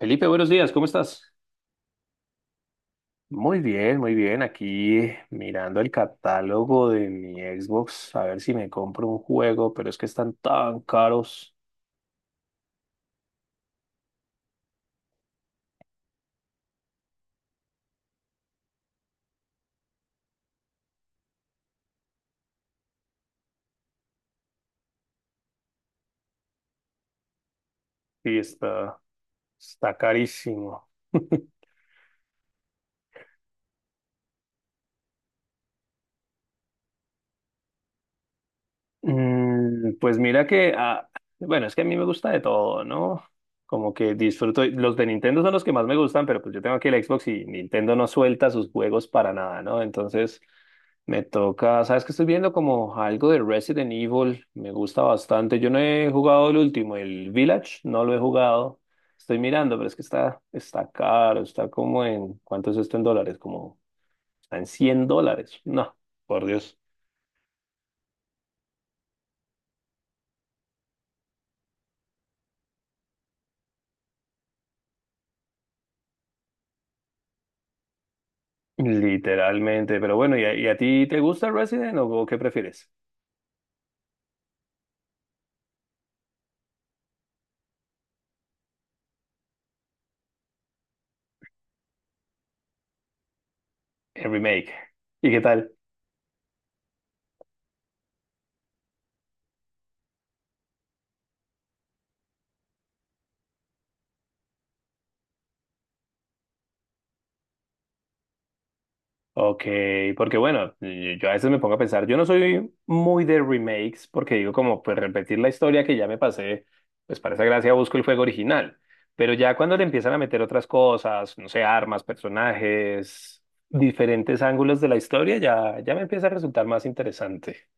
Felipe, buenos días, ¿cómo estás? Muy bien, muy bien. Aquí mirando el catálogo de mi Xbox, a ver si me compro un juego, pero es que están tan caros y está carísimo. Pues mira que, bueno, es que a mí me gusta de todo, ¿no? Como que disfruto, los de Nintendo son los que más me gustan, pero pues yo tengo aquí el Xbox y Nintendo no suelta sus juegos para nada, ¿no? Entonces me toca, ¿sabes qué estoy viendo? Como algo de Resident Evil, me gusta bastante. Yo no he jugado el último, el Village, no lo he jugado. Estoy mirando, pero es que está caro, está como en, ¿cuánto es esto en dólares? Como, está en $100. No, por Dios. Literalmente, pero bueno, ¿y a ti te gusta Resident o qué prefieres? El remake. ¿Y qué tal? Ok, porque bueno, yo a veces me pongo a pensar, yo no soy muy de remakes porque digo como pues repetir la historia que ya me pasé, pues para esa gracia busco el juego original, pero ya cuando le empiezan a meter otras cosas, no sé, armas, personajes, diferentes ángulos de la historia, ya me empieza a resultar más interesante.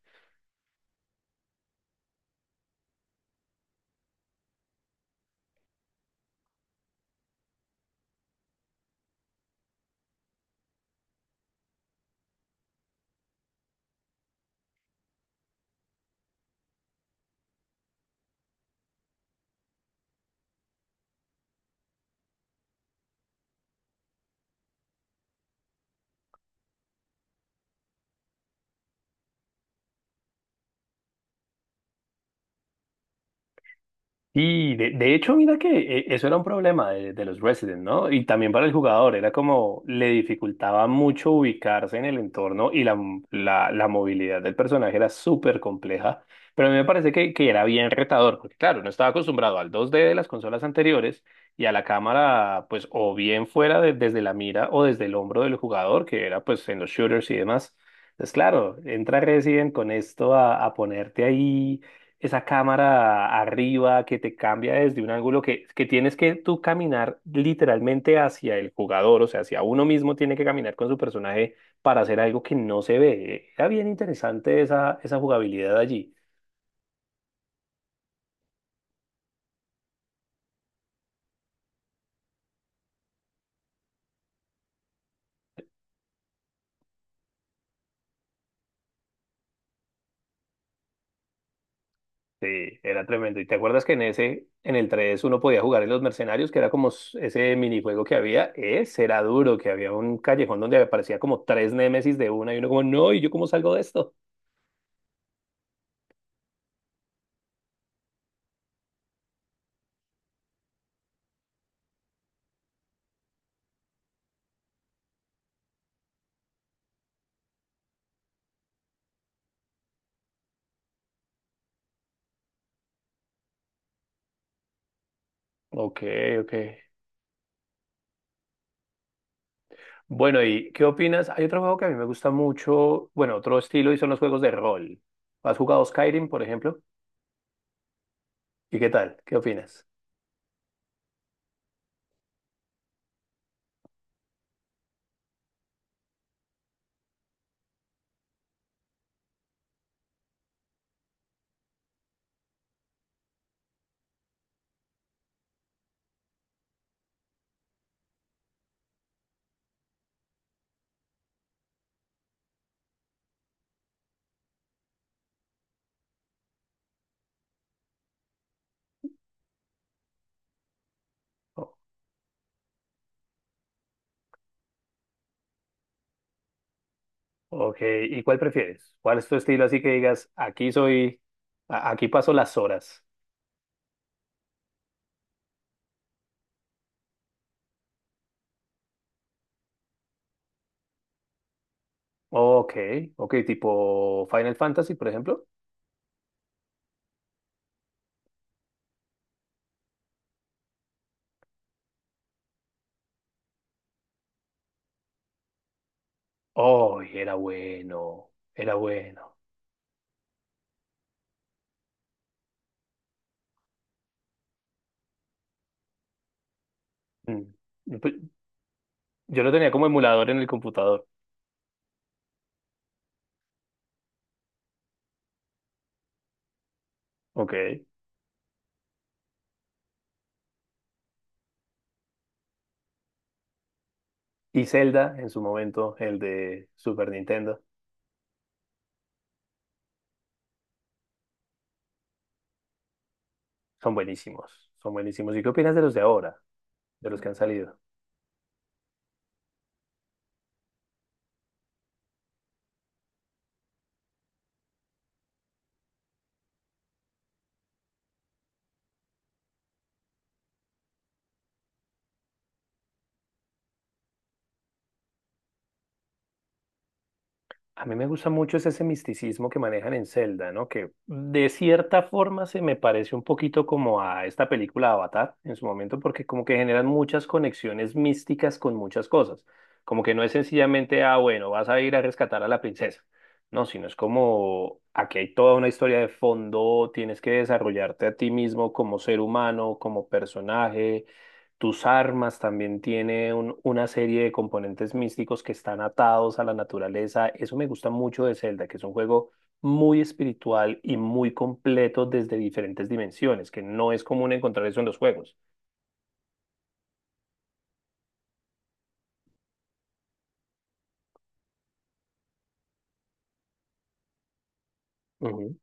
Y de hecho, mira que eso era un problema de los Resident, ¿no? Y también para el jugador, era como le dificultaba mucho ubicarse en el entorno y la movilidad del personaje era súper compleja, pero a mí me parece que era bien retador, porque claro, no estaba acostumbrado al 2D de las consolas anteriores y a la cámara, pues o bien desde la mira o desde el hombro del jugador, que era pues en los shooters y demás. Entonces, claro, entra Resident con esto a ponerte ahí esa cámara arriba que te cambia desde un ángulo que tienes que tú caminar literalmente hacia el jugador, o sea, hacia uno mismo tiene que caminar con su personaje para hacer algo que no se ve. Era bien interesante esa jugabilidad allí. Sí, era tremendo. ¿Y te acuerdas que en el 3 uno podía jugar en los mercenarios, que era como ese minijuego que había? Ese era duro, que había un callejón donde aparecía como tres némesis de una y uno como, no, ¿y yo cómo salgo de esto? Ok, ok. Bueno, ¿y qué opinas? Hay otro juego que a mí me gusta mucho, bueno, otro estilo y son los juegos de rol. ¿Has jugado Skyrim, por ejemplo? ¿Y qué tal? ¿Qué opinas? O- ok, ¿y cuál prefieres? ¿Cuál es tu estilo así que digas, aquí soy, aquí paso las horas? Ok, ok, tipo Final Fantasy, por ejemplo. Oh, y era bueno, era bueno. Mm. Yo pues, yo lo tenía como emulador en el computador. Ok. Y Zelda en su momento, el de Super Nintendo. Son buenísimos, son buenísimos. ¿Y qué opinas de los de ahora, de los que han salido? A mí me gusta mucho ese misticismo que manejan en Zelda, ¿no? Que de cierta forma se me parece un poquito como a esta película Avatar en su momento, porque como que generan muchas conexiones místicas con muchas cosas. Como que no es sencillamente, ah, bueno, vas a ir a rescatar a la princesa. No, sino es como, aquí hay toda una historia de fondo, tienes que desarrollarte a ti mismo como ser humano, como personaje tus armas, también tiene una serie de componentes místicos que están atados a la naturaleza. Eso me gusta mucho de Zelda, que es un juego muy espiritual y muy completo desde diferentes dimensiones, que no es común encontrar eso en los juegos. Ujú,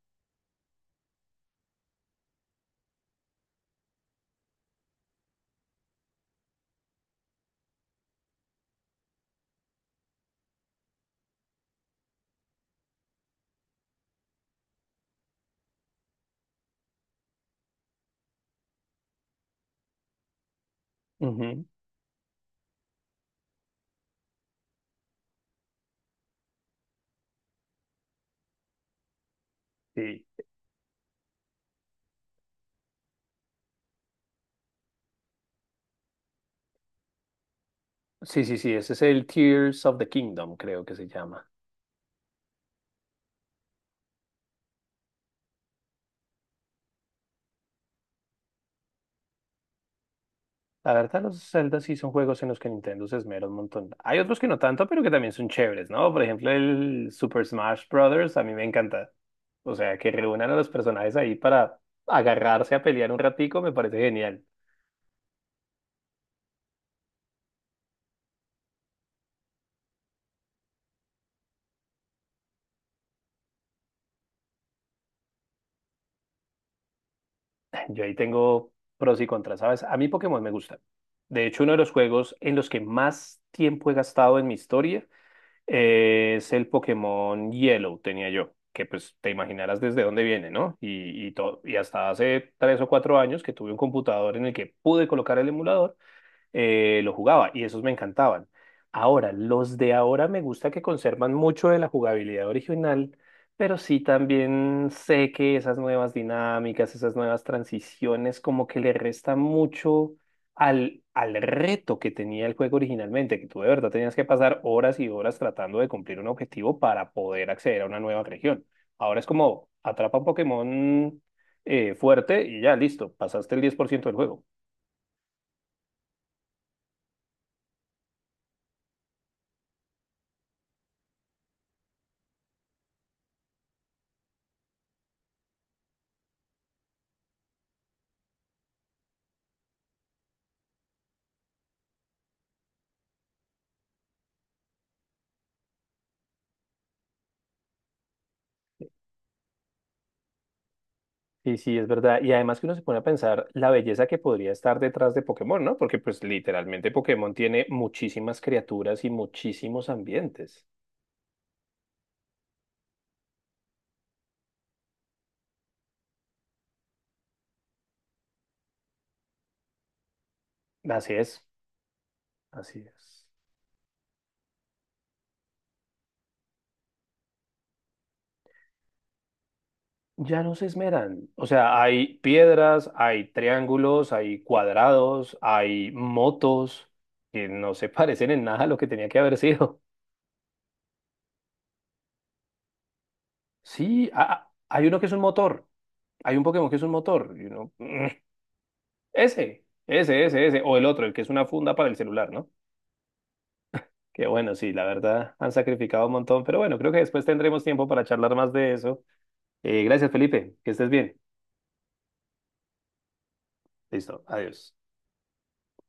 ujú, sí. Sí, sí, sí, ese es el Tears of the Kingdom, creo que se llama. La verdad, los Zelda sí son juegos en los que Nintendo se esmera un montón. Hay otros que no tanto, pero que también son chéveres, ¿no? Por ejemplo, el Super Smash Bros. A mí me encanta. O sea, que reúnan a los personajes ahí para agarrarse a pelear un ratico me parece genial. Yo ahí tengo pros y contras, ¿sabes? A mí Pokémon me gusta. De hecho, uno de los juegos en los que más tiempo he gastado en mi historia es el Pokémon Yellow, tenía yo, que pues te imaginarás desde dónde viene, ¿no? Y hasta hace 3 o 4 años que tuve un computador en el que pude colocar el emulador, lo jugaba y esos me encantaban. Ahora, los de ahora me gusta que conservan mucho de la jugabilidad original, pero sí también sé que esas nuevas dinámicas, esas nuevas transiciones, como que le resta mucho al reto que tenía el juego originalmente, que tú de verdad tenías que pasar horas y horas tratando de cumplir un objetivo para poder acceder a una nueva región. Ahora es como atrapa un Pokémon fuerte y ya, listo, pasaste el 10% del juego. Sí, sí, es verdad. Y además que uno se pone a pensar la belleza que podría estar detrás de Pokémon, ¿no? Porque pues literalmente Pokémon tiene muchísimas criaturas y muchísimos ambientes. Así es, así es. Ya no se esmeran. O sea, hay piedras, hay triángulos, hay cuadrados, hay motos que no se parecen en nada a lo que tenía que haber sido. Sí, ah, ah, hay uno que es un motor. Hay un Pokémon que es un motor. Y uno, mm, ese, ese, ese, ese. O el otro, el que es una funda para el celular, ¿no? Que bueno, sí, la verdad han sacrificado un montón, pero bueno, creo que después tendremos tiempo para charlar más de eso. Gracias, Felipe, que estés bien. Listo, adiós.